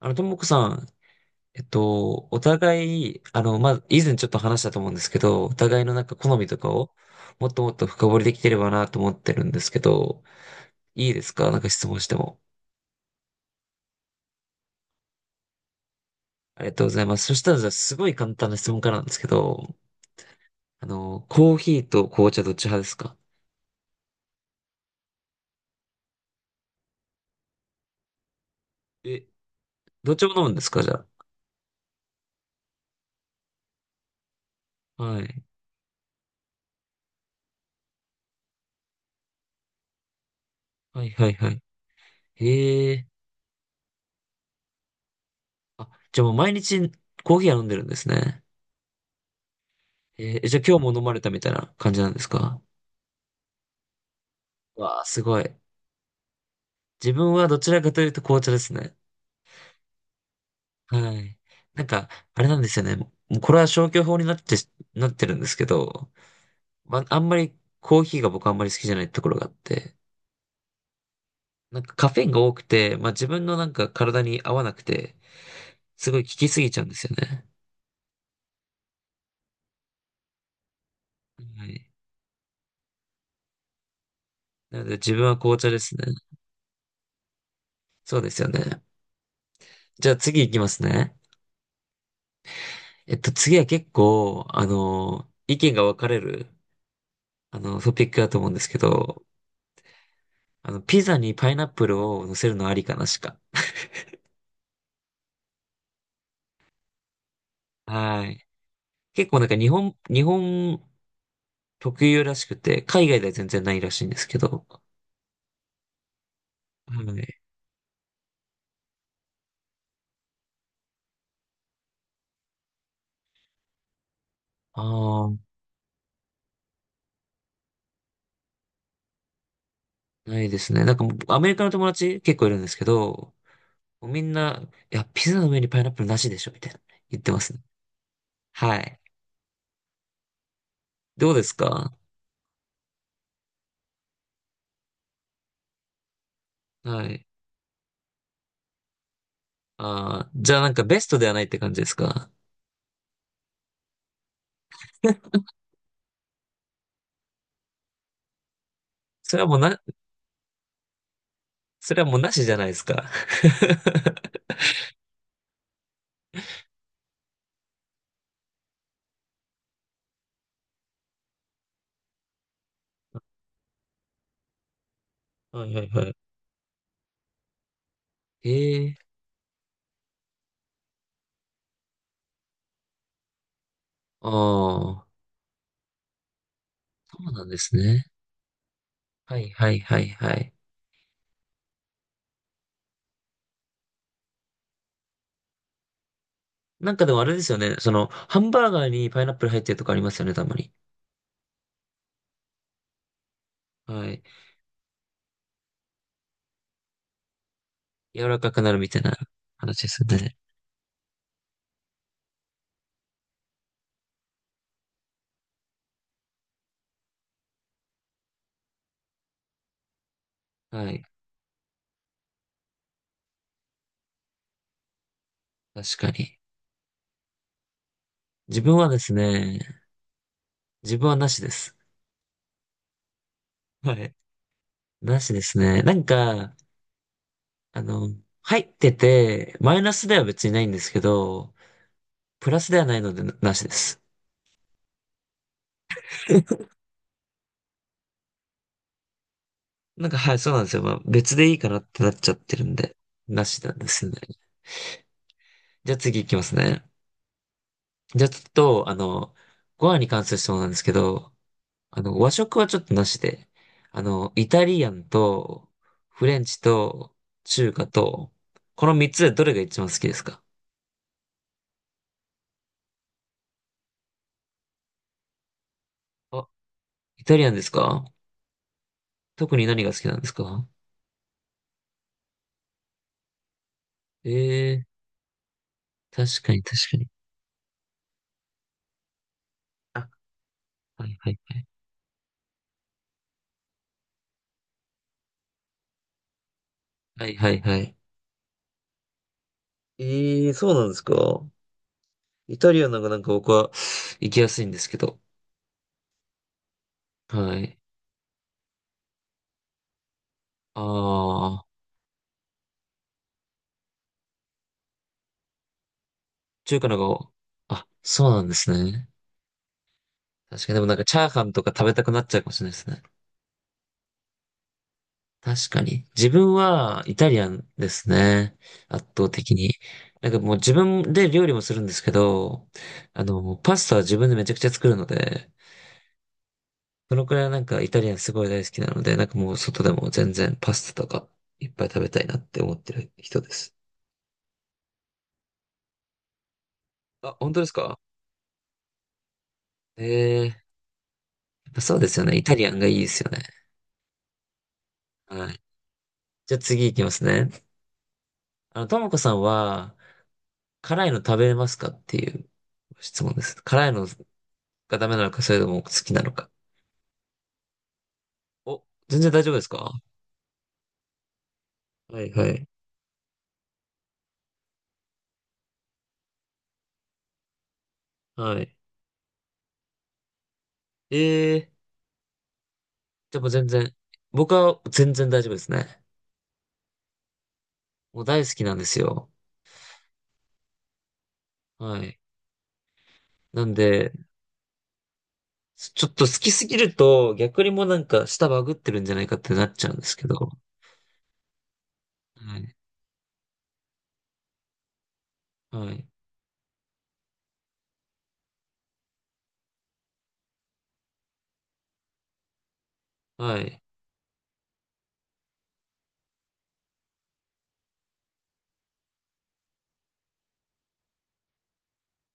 ともこさん、お互い、以前ちょっと話したと思うんですけど、お互いの好みとかを、もっともっと深掘りできてればなと思ってるんですけど、いいですか、なんか質問しても。ありがとうございます。そしたら、じゃあ、すごい簡単な質問からなんですけど、コーヒーと紅茶どっち派ですか？え、どっちも飲むんですか、じゃあ。はい。はいはいはい。へえ。あ、じゃあもう毎日コーヒーは飲んでるんですね。じゃあ今日も飲まれたみたいな感じなんですか？わあ、すごい。自分はどちらかというと紅茶ですね。はい。なんか、あれなんですよね。もうこれは消去法になってるんですけど、んまりコーヒーが僕あんまり好きじゃないところがあって、カフェインが多くて、自分の体に合わなくて、すごい効きすぎちゃうんですよね。はい。なので自分は紅茶ですね。そうですよね。じゃあ次行きますね。次は結構、意見が分かれる、トピックだと思うんですけど、ピザにパイナップルを乗せるのありかなしか。はい。結構日本特有らしくて、海外では全然ないらしいんですけど。はい。ああ、ないですね。もうアメリカの友達結構いるんですけど、もうみんな、いや、ピザの上にパイナップルなしでしょ、みたいな言ってますね。はい。どうですか？はい。ああ、じゃあベストではないって感じですか？それはもうな、それはもうなしじゃないですか。はいはいはい。ええ。ああ。そうなんですね。はいはいはいはい。でもあれですよね。ハンバーガーにパイナップル入ってるとかありますよね、たまに。はい。柔らかくなるみたいな話ですよね。はい。確かに。自分はですね、自分はなしです。はい。なしですね。あの、入ってて、マイナスでは別にないんですけど、プラスではないのでなしです。はい、そうなんですよ。別でいいかなってなっちゃってるんで、なしなんですね。じゃあ次行きますね。じゃあちょっと、ご飯に関する質問なんですけど、和食はちょっとなしで、イタリアンと、フレンチと、中華と、この三つでどれが一番好きですか？あ、イタリアンですか？特に何が好きなんですか？ええー、確かに確かに。あ、はいはいはい。はいはいはい。ええー、そうなんですか？イタリアンの方が僕は行きやすいんですけど。はい。ああ、中華の方が、あ、そうなんですね。確かにでもチャーハンとか食べたくなっちゃうかもしれないですね。確かに。自分はイタリアンですね。圧倒的に。もう自分で料理もするんですけど、パスタは自分でめちゃくちゃ作るので、そのくらいイタリアンすごい大好きなので、もう外でも全然パスタとかいっぱい食べたいなって思ってる人です。あ、本当ですか？ええー、そうですよね。イタリアンがいいですよね。はい。じゃあ次行きますね。ともこさんは、辛いの食べれますかっていう質問です。辛いのがダメなのか、それとも好きなのか。お、全然大丈夫ですか？はいはい。はい。ええー、でも全然、僕は全然大丈夫ですね。もう大好きなんですよ。はい。なんで、ちょっと好きすぎると、逆にもう舌バグってるんじゃないかってなっちゃうんですけど。はい。はい。はい。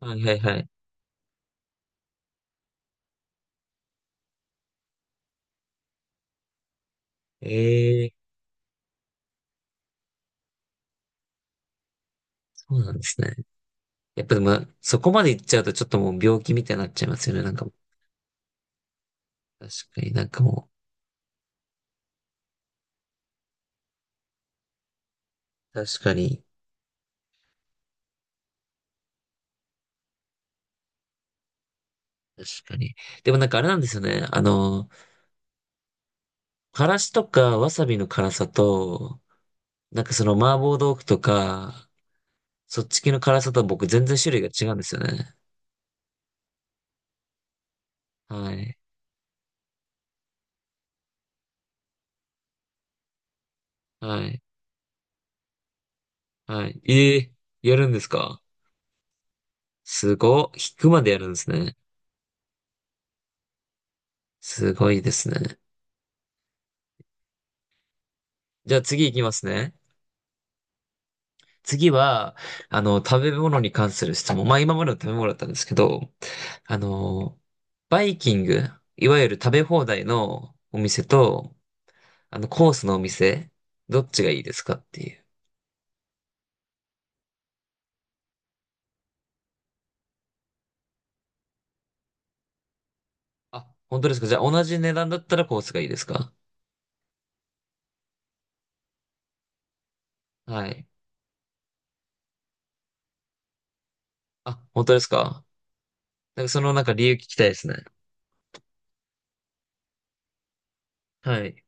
はいはいはい。ええー、そうなんですね。やっぱでも、そこまで行っちゃうとちょっともう病気みたいになっちゃいますよね。確かになんかもう、確かに、確かに。でもあれなんですよね。からしとかわさびの辛さと、麻婆豆腐とか、そっち系の辛さと僕全然種類が違うんですよね。はい。はい。はい。ええ、やるんですか？すごっ。引くまでやるんですね。すごいですね。じゃあ次行きますね。次は、食べ物に関する質問。今までの食べ物だったんですけど、あの、バイキング、いわゆる食べ放題のお店と、コースのお店、どっちがいいですかっていう。あ、本当ですか？じゃあ、同じ値段だったらコースがいいですか？はい。あ、本当ですか？理由聞きたいですね。はい。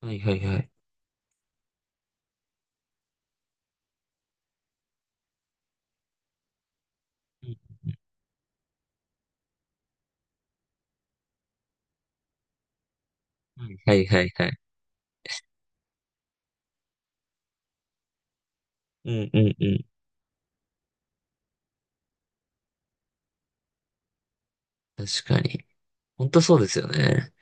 はいはいはい。うん、はいはいはい。うんうんうん。確かに。本当そうですよね。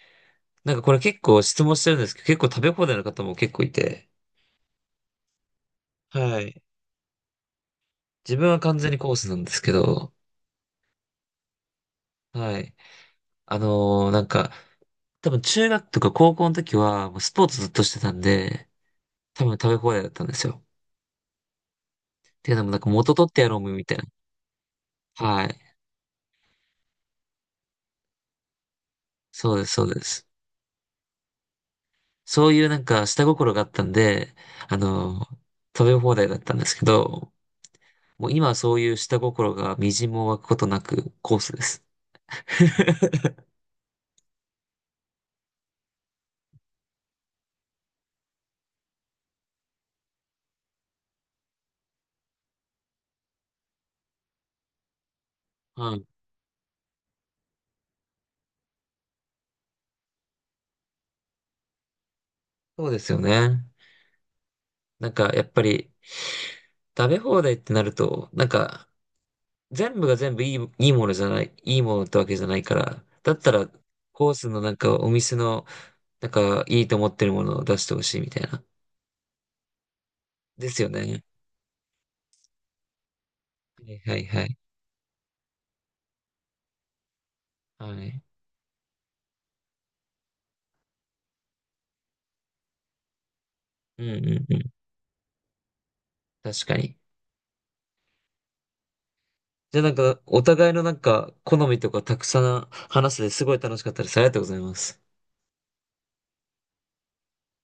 これ結構質問してるんですけど、結構食べ放題の方も結構いて、はい。自分は完全にコースなんですけど、はい。あのーなんか、多分中学とか高校の時は、もうスポーツずっとしてたんで、多分食べ放題だったんですよ。っていうのも元取ってやろうみたいな。はい。そうです、そうです。そういう下心があったんで、あのー食べ放題だったんですけど、もう今はそういう下心が微塵も湧くことなくコースです。はい。そうですよね。やっぱり、食べ放題ってなると、全部が全部いいものじゃない、いいものってわけじゃないから、だったら、コースのお店の、いいと思ってるものを出してほしいみたいな。ですよね。はいはいはい。はい。うんうんうん。確かに。じゃあお互いの好みとかたくさん話せてすごい楽しかったです。ありがとうございます。